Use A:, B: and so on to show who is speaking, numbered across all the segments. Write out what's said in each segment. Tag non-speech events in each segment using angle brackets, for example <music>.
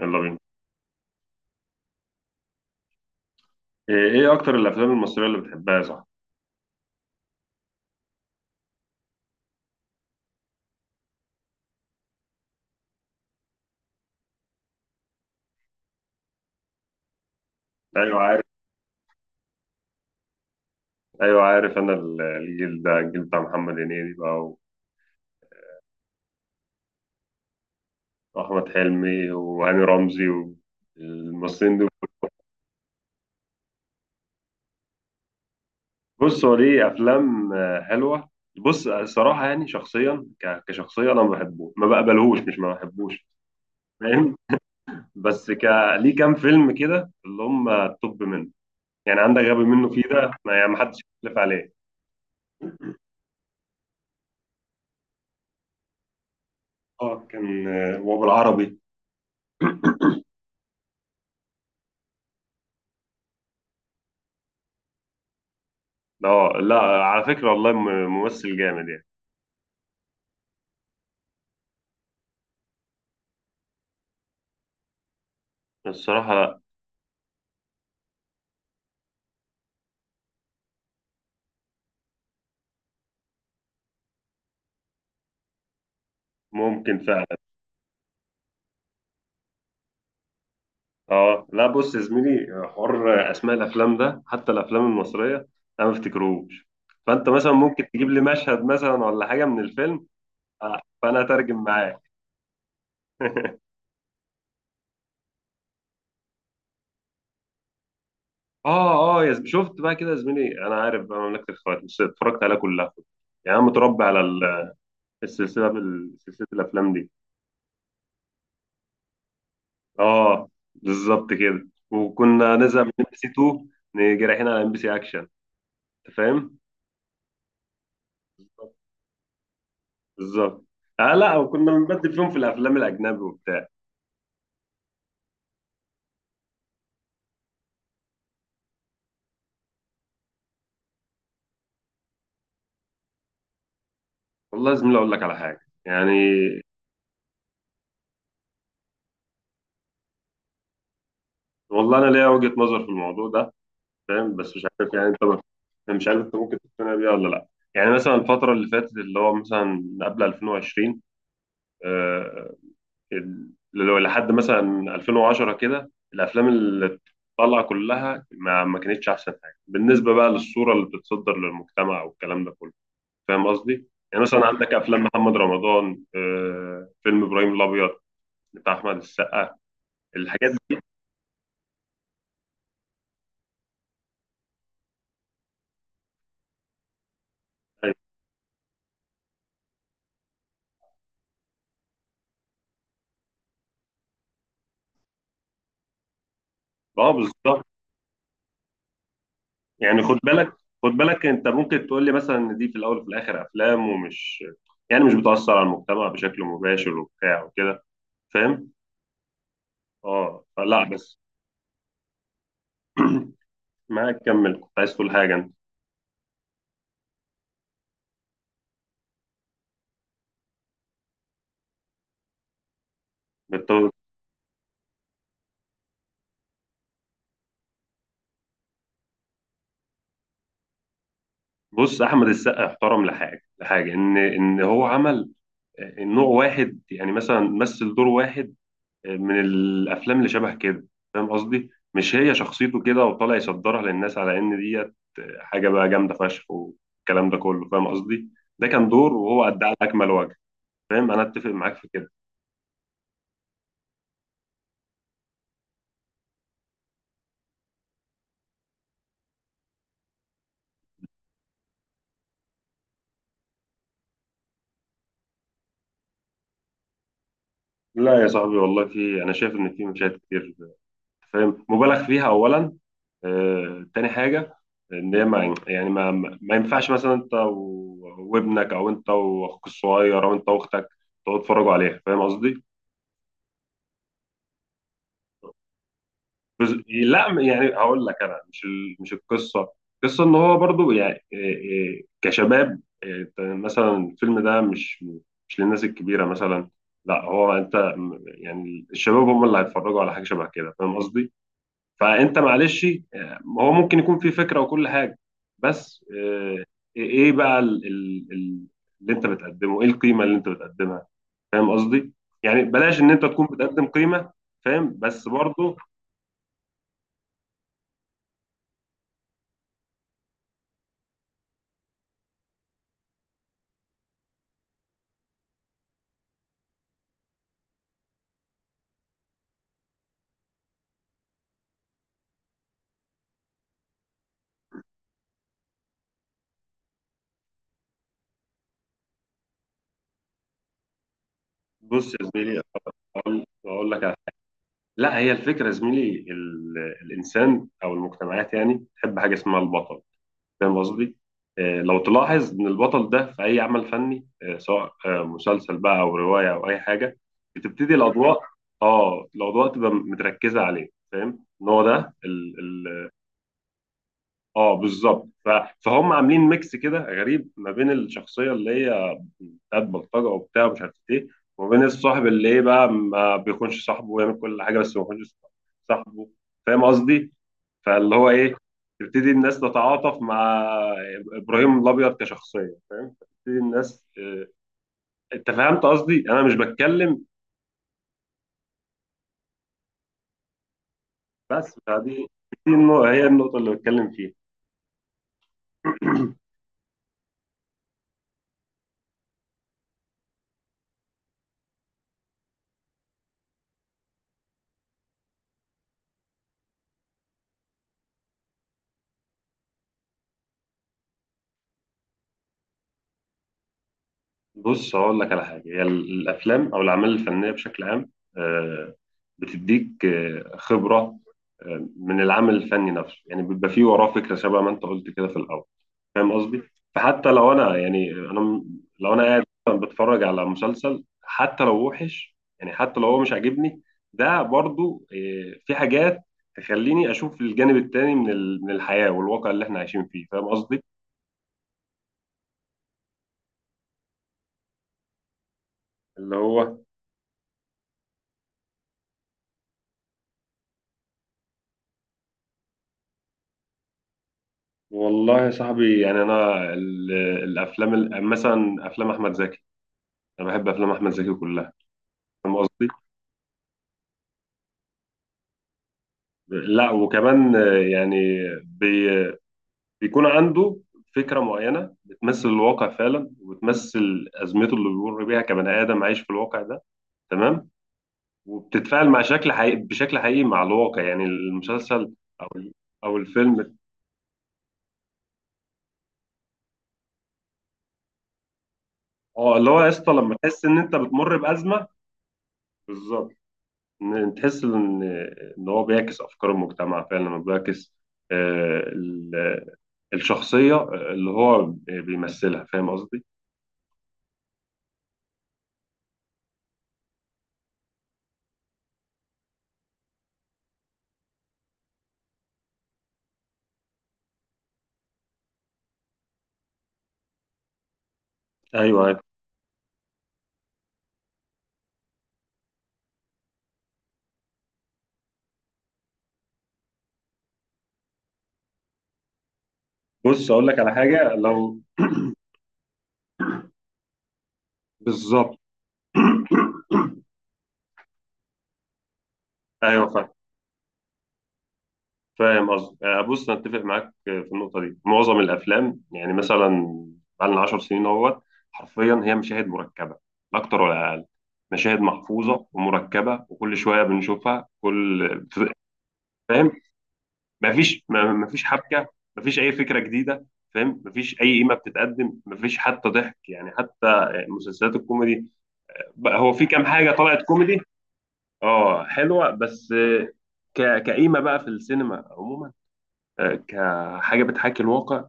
A: يلا بينا. إيه اكتر الافلام المصريه اللي بتحبها يا صاحبي؟ ايوه عارف، ايوه عارف، انا الجيل ده الجيل بتاع محمد هنيدي بقى، واحمد حلمي وهاني رمزي والممثلين دول. بص، هو ليه افلام حلوه. بص الصراحه، يعني شخصيا كشخصيه انا ما بحبه، ما بقبلهوش، مش ما بحبوش. فاهم؟ بس ليه كام فيلم كده اللي هم التوب منه. يعني عندك غبي منه، فيه ده ما يعني، ما حدش يختلف عليه. اه كان، وبالعربي. <clears throat> اه لا، على فكرة والله ممثل جامد يعني. الصراحة لا. ممكن فعلا. اه لا، بص يا زميلي، حوار اسماء الافلام ده حتى الافلام المصرية انا ما افتكرهوش. فانت مثلا ممكن تجيب لي مشهد مثلا ولا حاجة من الفيلم. فانا اترجم معاك. <laughs> اه اه يا زميلي، شفت بقى كده يا زميلي؟ انا عارف بقى مملكة الخواتم، بس اتفرجت عليها كلها. يعني انا متربي على السلسلة، سلسلة الافلام دي. اه بالظبط كده، وكنا نزهق من ام بي سي 2، نيجي رايحين على ام بي سي اكشن. انت فاهم. بالظبط. اه لا، وكنا بنبدل فيهم في الافلام الاجنبي وبتاع. والله يا زميلي اقول لك على حاجه يعني. والله انا ليا وجهه نظر في الموضوع ده، فاهم، بس مش عارف يعني انت. انا مش عارف انت ممكن تقتنع بيها ولا لا. يعني مثلا الفتره اللي فاتت، اللي هو مثلا قبل 2020، آه، اللي هو لحد مثلا 2010 كده، الافلام اللي طالعه كلها ما كانتش احسن حاجه بالنسبه بقى للصوره اللي بتتصدر للمجتمع والكلام ده كله. فاهم قصدي؟ يعني مثلا عندك افلام محمد رمضان، فيلم ابراهيم الابيض بتاع احمد السقا، الحاجات دي. اه بالظبط. يعني خد بالك، خد بالك انت ممكن تقول لي مثلا ان دي في الاول وفي الاخر افلام، ومش، يعني مش بتاثر على المجتمع بشكل مباشر وبتاع وكده. فاهم؟ اه فلا بس. <clears throat> معاك، كمل، كنت عايز تقول حاجه انت. بت- بص احمد السقا احترم لحاجه لحاجه ان هو عمل نوع واحد، يعني مثلا مثل دور واحد من الافلام اللي شبه كده. فاهم قصدي؟ مش هي شخصيته كده وطالع يصدرها للناس على ان دي حاجه بقى جامده فشخ والكلام ده كله، فاهم قصدي؟ ده كان دور وهو ادى على اكمل وجه. فاهم، انا اتفق معاك في كده. لا يا صاحبي والله، في، انا شايف ان في مشاهد كتير، فاهم، مبالغ فيها اولا. تاني حاجه، ان هي ما يعني، ما ينفعش مثلا انت وابنك او انت واخوك الصغير او انت واختك تقعدوا تتفرجوا عليها. فاهم قصدي؟ لا يعني هقول لك، انا مش مش القصه. القصه ان هو برضو، يعني إيه، كشباب، إيه، أنت مثلا، الفيلم ده مش للناس الكبيره مثلا. لا هو انت يعني الشباب هم اللي هيتفرجوا على حاجه شبه كده. فاهم قصدي؟ فانت معلش، هو ممكن يكون في فكره وكل حاجه، بس ايه بقى اللي انت بتقدمه؟ ايه القيمه اللي انت بتقدمها؟ فاهم قصدي؟ يعني بلاش ان انت تكون بتقدم قيمه. فاهم بس برضو. بص يا زميلي، بقول لك لا، هي الفكره يا زميلي، الانسان او المجتمعات يعني تحب حاجه اسمها البطل. فاهم قصدي؟ لو تلاحظ ان البطل ده في اي عمل فني، سواء مسلسل بقى او روايه او اي حاجه، بتبتدي الاضواء. اه، الاضواء تبقى متركزه عليه. فاهم؟ ان هو ده. اه بالظبط. فهم عاملين ميكس كده غريب ما بين الشخصيه اللي هي بتاعت بلطجه وبتاع ومش عارف ايه، وما بين الصاحب اللي ايه بقى ما بيخونش صاحبه، ويعمل كل حاجه بس ما بيخونش صاحبه. فاهم قصدي؟ فاللي هو ايه، تبتدي الناس تتعاطف مع ابراهيم الابيض كشخصيه. فاهم؟ تبتدي الناس، اه، انت فهمت قصدي؟ انا مش بتكلم بس، فدي هي النقطه اللي بتكلم فيها. <clears throat> بص هقول لك على حاجة، هي الأفلام أو الأعمال الفنية بشكل عام، آه، بتديك خبرة من العمل الفني نفسه. يعني بيبقى فيه وراه فكرة شبه ما أنت قلت كده في الأول. فاهم قصدي؟ فحتى لو أنا، يعني أنا لو أنا قاعد مثلاً بتفرج على مسلسل، حتى لو وحش يعني، حتى لو هو مش عاجبني، ده برضو في حاجات تخليني أشوف الجانب التاني من من الحياة والواقع اللي إحنا عايشين فيه. فاهم قصدي؟ اللي هو، والله يا صاحبي يعني انا الافلام، مثلا افلام احمد زكي، انا بحب افلام احمد زكي كلها. فاهم قصدي. لا وكمان، يعني بي بيكون عنده فكره معينه بتمثل الواقع فعلا، وبتمثل ازمته اللي بيمر بيها كبني ادم عايش في الواقع ده. تمام. وبتتفاعل مع شكل حقيقي، بشكل حقيقي مع الواقع. يعني المسلسل او او الفيلم. اه، اللي هو يا اسطى، لما تحس ان انت بتمر بازمه. بالظبط. تحس ان هو بيعكس افكار المجتمع فعلا، لما بيعكس آه، ال- الشخصيه اللي هو بيمثلها. فاهم قصدي. ايوه، أيوة. بص اقول لك على حاجه لو... <clears throat> بالظبط. <clears throat> ايوه فاهم، فاهم قصدي. بص، انا اتفق معاك في النقطه دي. معظم الافلام يعني مثلا بقالنا 10 سنين اهوت، حرفيا هي مشاهد مركبه، لا اكتر ولا اقل. مشاهد محفوظه ومركبه وكل شويه بنشوفها كل. فاهم، مفيش مفيش حبكه، مفيش اي فكره جديده. فاهم، مفيش اي قيمه بتتقدم، مفيش حتى ضحك، يعني حتى مسلسلات الكوميدي بقى، هو في كام حاجه طلعت كوميدي؟ اه حلوه، بس كقيمه بقى في السينما عموما، كحاجه بتحاكي الواقع،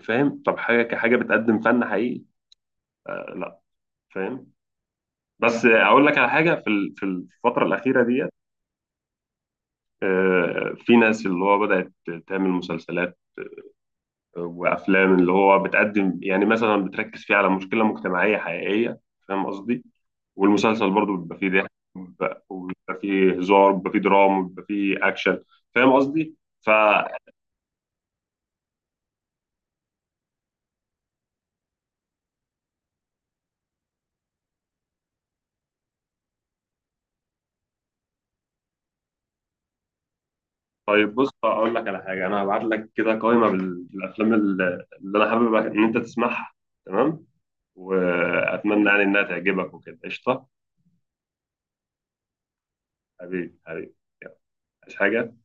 A: فاهم؟ طب حاجه كحاجه بتقدم فن حقيقي، لا. فاهم. بس اقول لك على حاجه، في في الفتره الاخيره ديت، في ناس اللي هو بدات تعمل مسلسلات وافلام اللي هو بتقدم، يعني مثلا بتركز فيه على مشكله مجتمعيه حقيقيه. فاهم قصدي. والمسلسل برضو بيبقى فيه ضحك، وبيبقى فيه هزار، وبيبقى فيه دراما، وبيبقى فيه اكشن. فاهم قصدي. ف طيب، بص اقول لك على حاجه، انا هبعت لك كده قائمه بالافلام اللي انا حابب ان انت تسمعها. تمام. واتمنى يعني انها تعجبك وكده، قشطه. حبيبي حبيبي. يلا. عايز حاجه؟